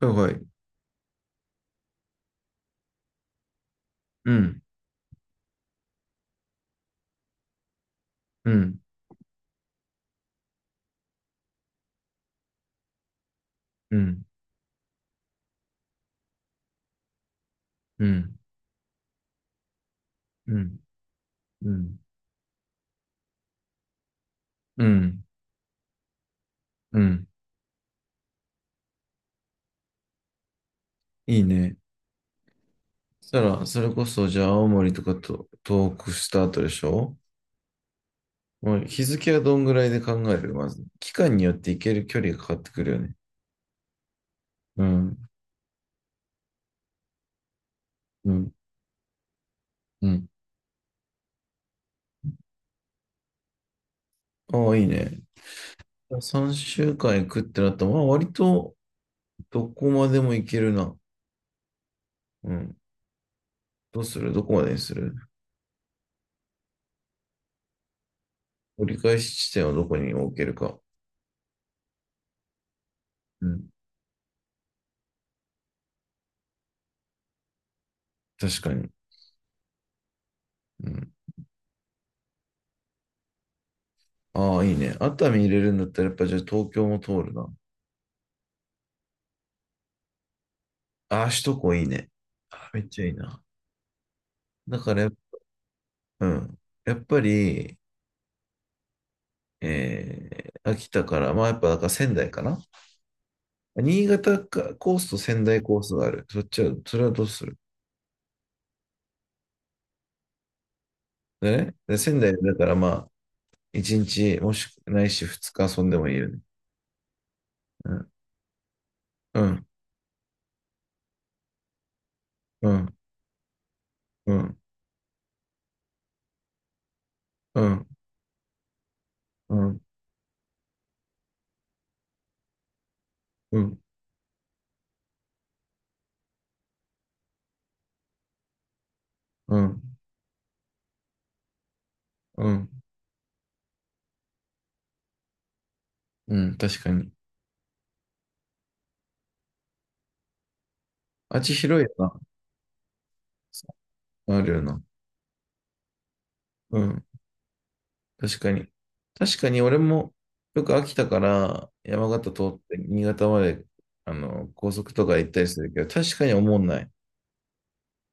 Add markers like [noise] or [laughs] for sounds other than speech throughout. はいはい。うん、うん、うん、うん、うん、うん、うん、うん。いいね。そしたら、それこそ、じゃあ、青森とかと東北した後でしょ？もう日付はどんぐらいで考えるまず。期間によって行ける距離が変わってくるよね。うん、うん、うん。ああ、いいね。3週間行くってなったら、まあ、割とどこまでも行けるな。うん。どうする？どこまでにする？折り返し地点をどこに置けるか。うん。確かに。うん。ああ、いいね。熱海入れるんだったら、やっぱじゃあ東京も通るな。ああ、首都高いいね。ああ、めっちゃいいな。だから、うん、やっぱり、秋田から、まあやっぱだから仙台かな。新潟かコースと仙台コースがある。そっちは、それはどうする？でね。で仙台だからまあ、1日、もしくないし2日遊んでもいいよね。うん、うん、うん、うん、うん、うん、うん、うん、うん、うん、確かに。あっち広いよな。あるよな。うん。確かに。確かに俺もよく秋田から山形通って新潟まであの高速とか行ったりするけど、確かに思んない。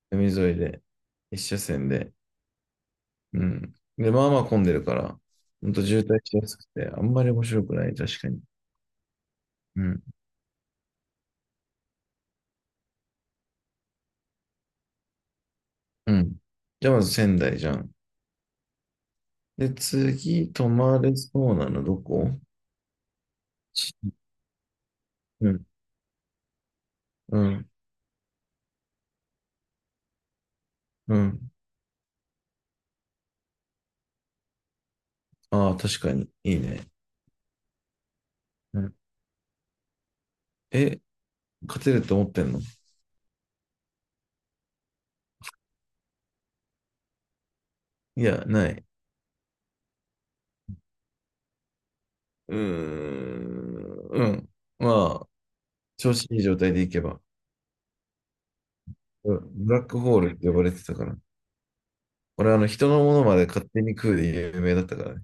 海沿いで、一車線で。うん。で、まあまあ混んでるから、ほんと渋滞しやすくて、あんまり面白くない、確かに。うん。うん。じゃあまず仙台じゃん。で、次、泊まれそうなのどこ？ちうん、うん、うん。ああ、確かに。いいね。うん。え、勝てると思ってんの？いや、ない。うーん。うん。まあ、調子いい状態でいけば。うん、ブラックホールって呼ばれてたから。俺、あの、人のものまで勝手に食うで有名だったからね。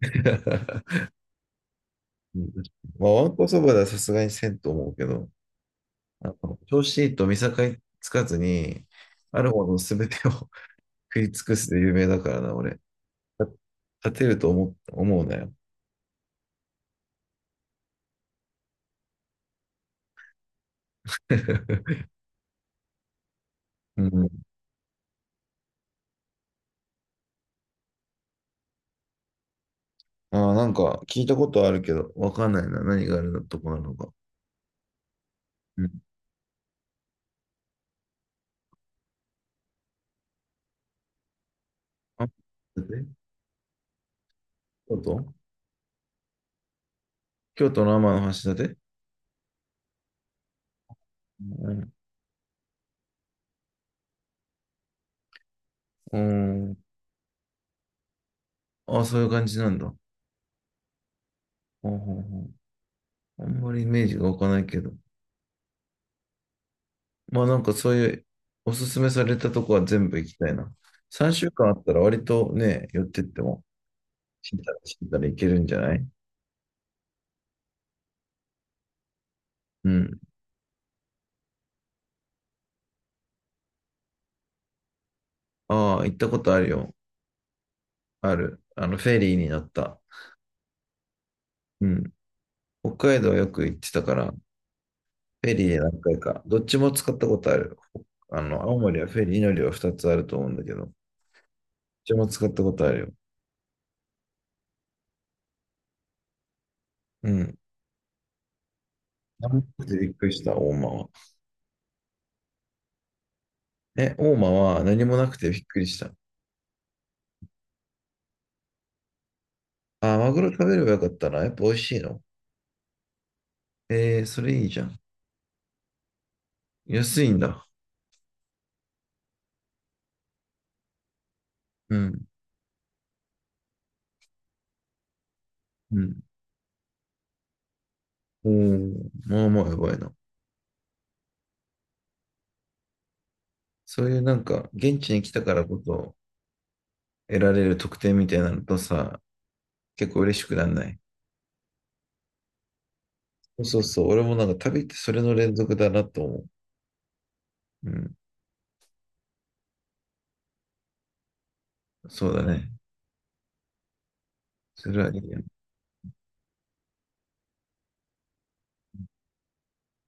[laughs] うん、まあ、わんこそばではさすがにせんと思うけど、あの、調子いいと見境つかずに、あるもの全てを [laughs] 食い尽くすで有名だからな、俺。勝てると思う、思うなよ。[laughs] うん。ああ、なんか聞いたことあるけど、わかんないな。何があるのとこなのか。うん。あ、だってこと京都の天橋立？うん。うん。ああ、そういう感じなんだ。ほうほうほう、あんまりイメージが湧かないけど。まあなんかそういうおすすめされたとこは全部行きたいな。3週間あったら割とね、寄ってっても、知ったら知ったらいけるんじゃない？うん。ああ、行ったことあるよ。ある。あの、フェリーに乗った。うん。北海道よく行ってたから、フェリーで何回か、どっちも使ったことある。あの、青森はフェリー乗りは2つあると思うんだけど、どっちも使ったことあるよ。うん。何もなくてびっくりした、大間は。え、大間は何もなくてびっくりした。あ、マグロ食べればよかったな。やっぱ美味しいの？えー、それいいじゃん。安いんだ。うん、うん。おー、まあまあやばいな。そういうなんか、現地に来たからこそ得られる特典みたいなのとさ、結構嬉しくなんない？そうそうそう。俺もなんか旅ってそれの連続だなと思う。うん。そうだね。それはいいや。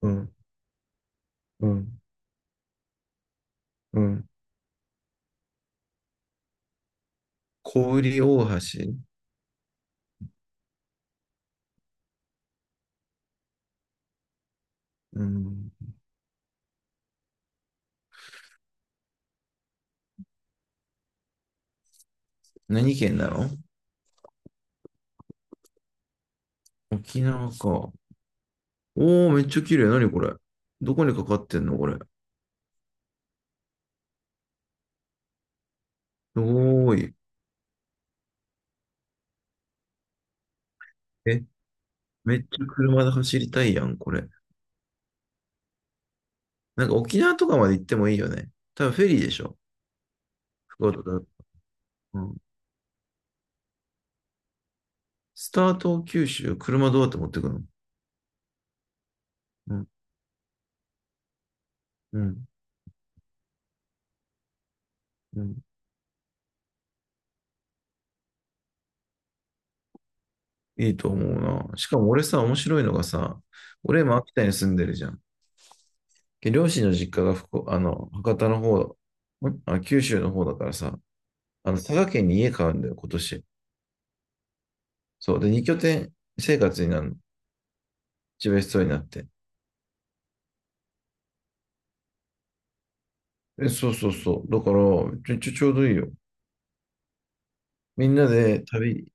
うん、うん、うん。小売大橋。うん。何県なの？沖縄か。おー、めっちゃ綺麗。何これ。どこにかかってんのこれ。すごーい。え、めっちゃ車で走りたいやん、これ。なんか沖縄とかまで行ってもいいよね。多分フェリーでしょ？福岡だ。うん。スタート九州、車どうやって持ってくの？うん、うん、うん。いいと思うな。しかも俺さ、面白いのがさ、俺今秋田に住んでるじゃん。で両親の実家が福岡、あの、博多の方、九州の方だからさ、あの、佐賀県に家買うんだよ、今年。そう。で、二拠点生活になるの。自分一番必要になって。え、そうそうそう。だから、ちょうどいいよ。みんなで旅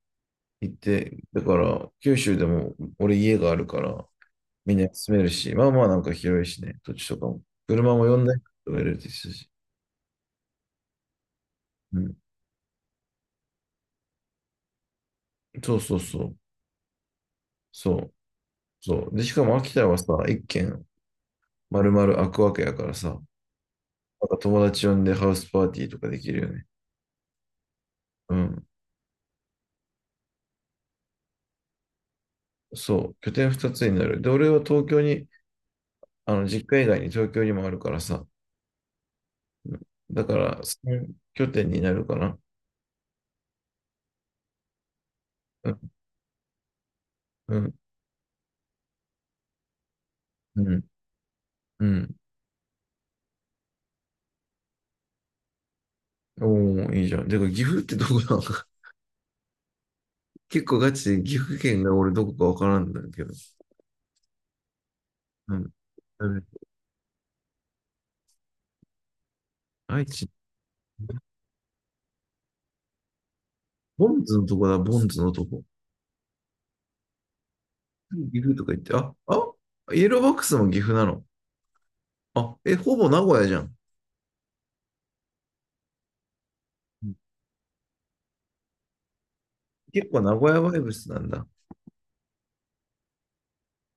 行って、だから、九州でも俺家があるから、みんな住めるし、まあまあなんか広いしね、土地とかも。車も呼台とか入れてるし。うん。そうそうそう。そう。そう。で、しかも秋田はさ、一軒丸々開くわけやからさ、なんか友達呼んでハウスパーティーとかできるよね。うん。そう。拠点二つになる。で、俺は東京に、あの、実家以外に東京にもあるからさ、だから、の拠点になるかな。うん、うん、うん。うんおー、いいじゃん。で、岐阜ってどこなのか。[laughs] 結構ガチで岐阜県が俺どこかわからんんだけど。うん。うん愛知、ボンズのとこだ、ボンズのとこ。岐阜とか言って、イエローバックスも岐阜なの。あ、え、ほぼ名古屋じゃん。うん、結構名古屋バイブスなんだ。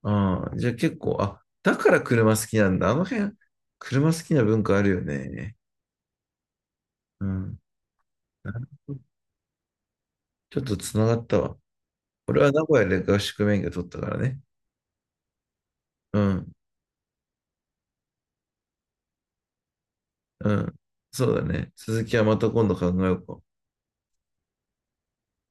ああ、じゃあ結構、あ、だから車好きなんだ。あの辺、車好きな文化あるよね。うん。なるほど、ちょっとつながったわ。俺は名古屋で合宿免許取ったからね。うん、うん、そうだね。続きはまた今度考えようか。